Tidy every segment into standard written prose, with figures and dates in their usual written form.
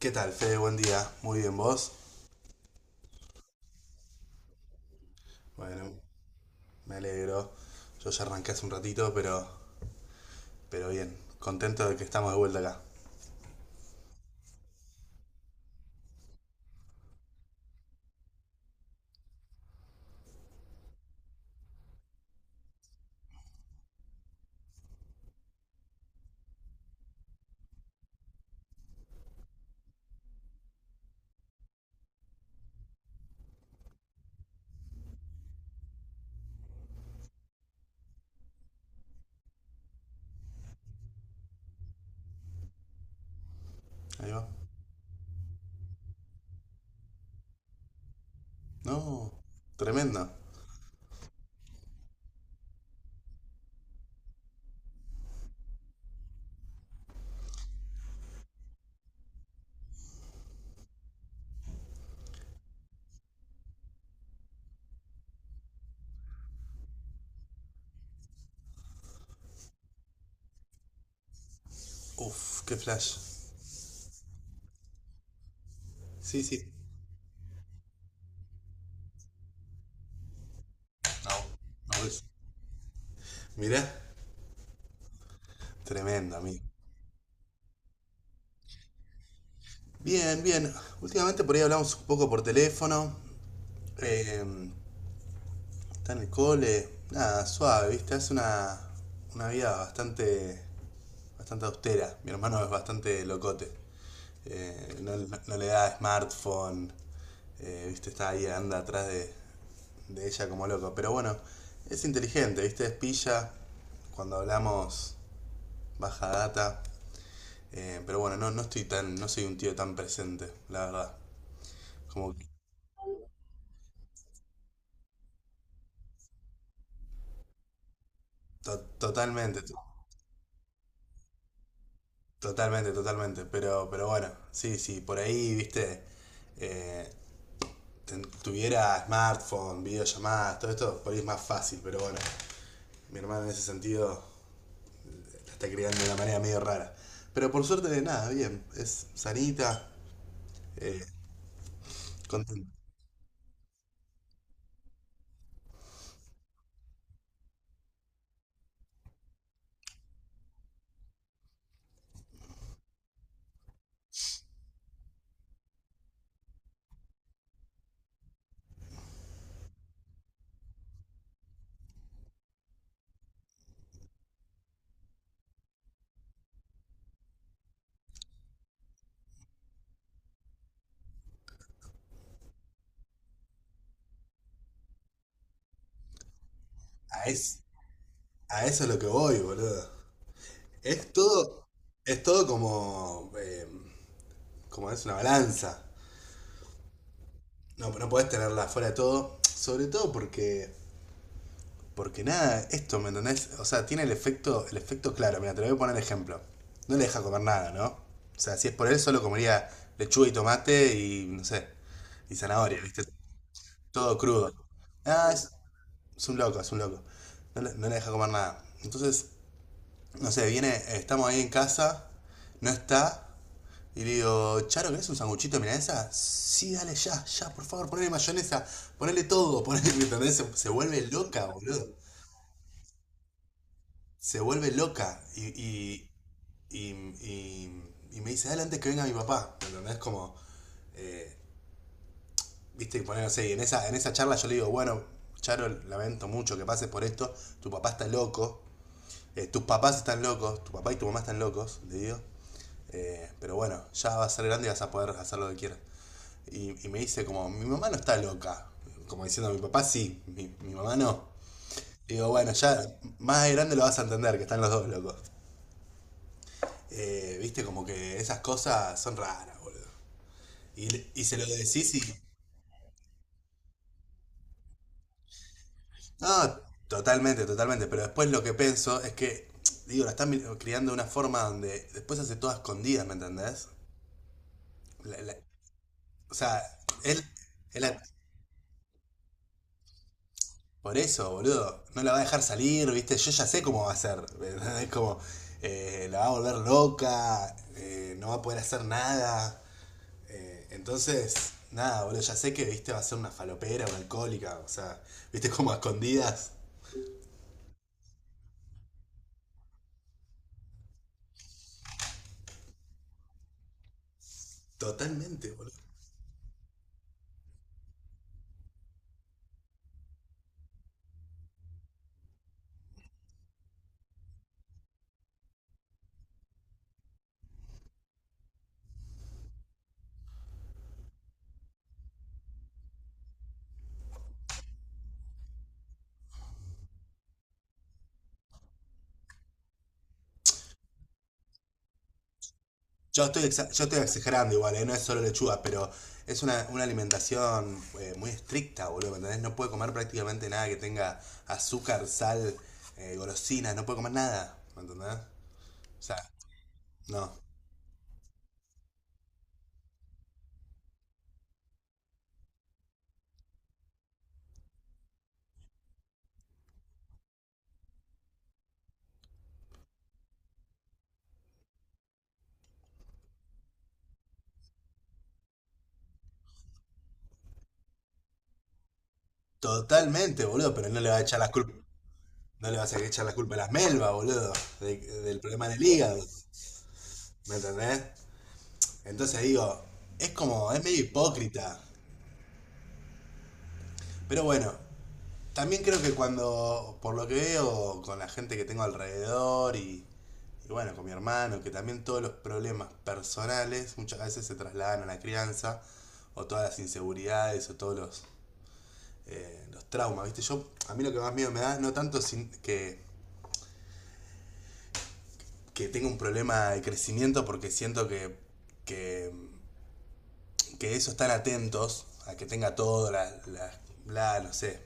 ¿Qué tal, Fede? Buen día. Muy bien, ¿vos? Bueno, me alegro. Yo ya arranqué hace un ratito, pero bien. Contento de que estamos de vuelta acá. Ahí va. No, tremendo. Uf, qué flash. Sí, sí. No, no ves. Mirá, tremendo, amigo. Bien, bien. Últimamente por ahí hablamos un poco por teléfono. Eh, está en el cole. Nada, suave, ¿viste? Hace una vida bastante austera. Mi hermano es bastante locote. No, no le da smartphone, ¿viste? Está ahí, anda atrás de ella como loco. Pero bueno, es inteligente, ¿viste? Es pilla cuando hablamos baja data. Pero bueno, no estoy tan, no soy un tío tan presente, la verdad. Como que to Totalmente, to totalmente, totalmente. Pero bueno, sí, sí, por ahí, ¿viste? eh, Tuviera smartphone, videollamadas, todo esto, por ahí es más fácil, pero bueno, mi hermano en ese sentido está criando de una manera medio rara. Pero por suerte de nada, bien. Es sanita, eh, contenta. A, es- a eso es lo que voy, boludo. Es todo, es todo como, como es una balanza. No, no podés tenerla fuera de todo. Sobre todo porque nada, esto, ¿me entendés? O sea, tiene el efecto claro. Mira, te lo voy a poner ejemplo. No le deja comer nada, ¿no? O sea, si es por él, solo comería lechuga y tomate y, no sé, y zanahoria, ¿viste? Todo crudo. Ah, es- Es un loco, es un loco. No le deja comer nada. Entonces, no sé, viene, estamos ahí en casa, no está. Y le digo, Charo, ¿querés un sanguchito de milanesa? Sí, dale ya, ya, por favor, ponele mayonesa, ponele todo, ponele, ¿entendés? Se vuelve loca, boludo. Se vuelve loca. Y, y, y me dice, dale antes que venga mi papá, ¿entendés? Como, viste, poner, no sé, y en en esa charla yo le digo, bueno, Charo, lamento mucho que pases por esto, tu papá está loco. Tus papás están locos, tu papá y tu mamá están locos, le digo. Pero bueno, ya vas a ser grande y vas a poder hacer lo que quieras. Y me dice como, mi mamá no está loca. Como diciendo, mi papá sí, mi mamá no. Y digo, bueno, ya más de grande lo vas a entender, que están los dos locos. Viste, como que esas cosas son raras, boludo. Y se lo decís y... No, totalmente, totalmente. Pero después lo que pienso es que, digo, la están criando de una forma donde después hace todo a escondidas, ¿me entendés? La- la- O sea, él, él- la- por eso, boludo. No la va a dejar salir, ¿viste? Yo ya sé cómo va a ser, ¿verdad? Es como. La va a volver loca. No va a poder hacer nada. Entonces. Nada, boludo. Ya sé que, ¿viste? Va a ser una falopera, una alcohólica. O sea, ¿viste? Como a escondidas. Totalmente, boludo. Yo estoy exagerando igual, ¿eh? No es solo lechuga, pero es una alimentación muy estricta, boludo, ¿me ¿entendés? No puede comer prácticamente nada que tenga azúcar, sal, golosinas, no puede comer nada, ¿me entendés? O sea, no. Totalmente, boludo, pero no le va a echar la culpa, no le vas a echar la culpa a las melvas, boludo, del problema del hígado, ¿me entendés? Entonces digo, es como, es medio hipócrita, pero bueno, también creo que cuando, por lo que veo, con la gente que tengo alrededor y bueno, con mi hermano, que también todos los problemas personales muchas veces se trasladan a la crianza, o todas las inseguridades, o todos los traumas, ¿viste? Yo, a mí lo que más miedo me da es no tanto que tenga un problema de crecimiento, porque siento que que eso están atentos a que tenga todo, no sé,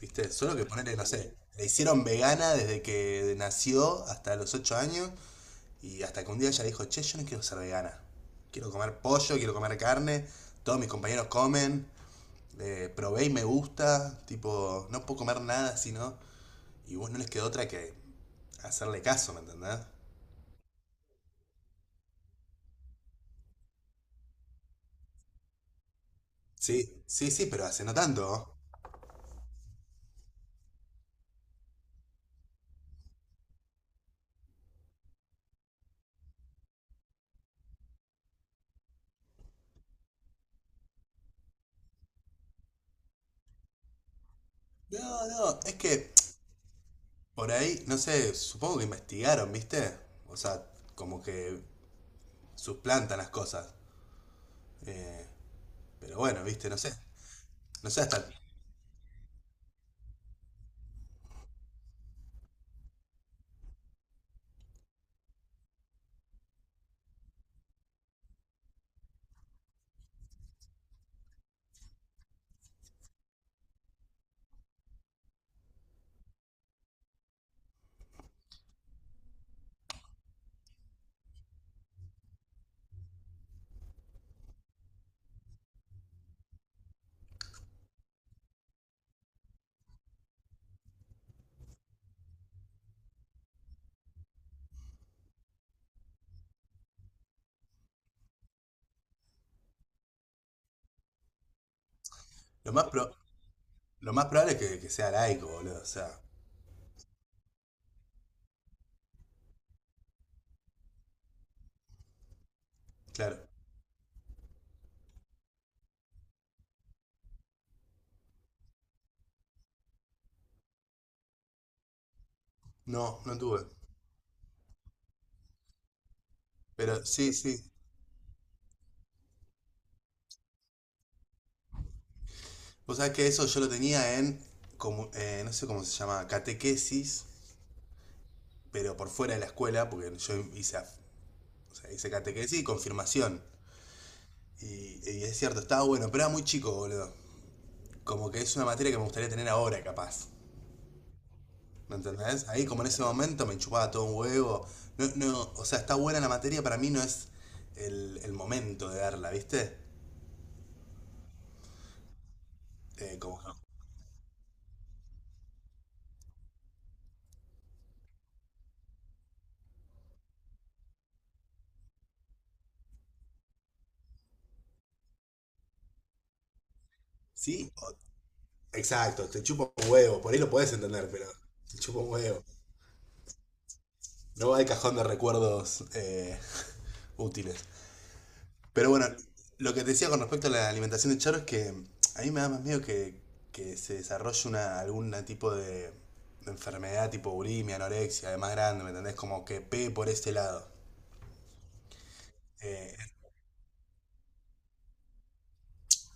¿viste? Solo que ponerle, no sé, le hicieron vegana desde que nació hasta los 8 años y hasta que un día ella dijo, che, yo no quiero ser vegana. Quiero comer pollo, quiero comer carne, todos mis compañeros comen, probé y me gusta, tipo, no puedo comer nada sino. Y vos no les quedó otra que hacerle caso, ¿me entendés? Sí, sí, sí, pero hace no tanto. No, no, es que por ahí, no sé, supongo que investigaron, ¿viste? O sea, como que suplantan las cosas. Eh, pero bueno, ¿viste? No sé. No sé hasta... Lo más, pro- lo más probable es que sea laico, boludo. O sea, claro. No, no tuve. Pero sí, sí. Vos sabés que eso yo lo tenía en, como, no sé cómo se llama, catequesis, pero por fuera de la escuela, porque o sea, hice catequesis y confirmación. Y es cierto, estaba bueno, pero era muy chico, boludo. Como que es una materia que me gustaría tener ahora, capaz. ¿Me entendés? Ahí como en ese momento me chupaba todo un huevo. No, no, o sea, está buena la materia, para mí no es el momento de darla, ¿viste? Eh, como que- Sí, exacto, te chupa un huevo, por ahí lo podés entender, pero te chupa un huevo. No va al cajón de recuerdos útiles. Pero bueno, lo que te decía con respecto a la alimentación de Charo es que a mí me da más miedo que se desarrolle una, algún tipo de enfermedad tipo bulimia, anorexia, de más grande, ¿me entendés? Como que pegue por ese lado. Eh,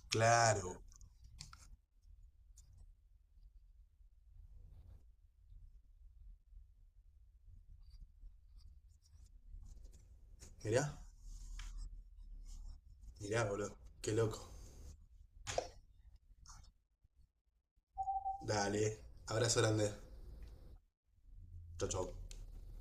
Claro. Mirá, mirá, boludo. Qué loco. Dale. Abrazo grande. Chau, chau.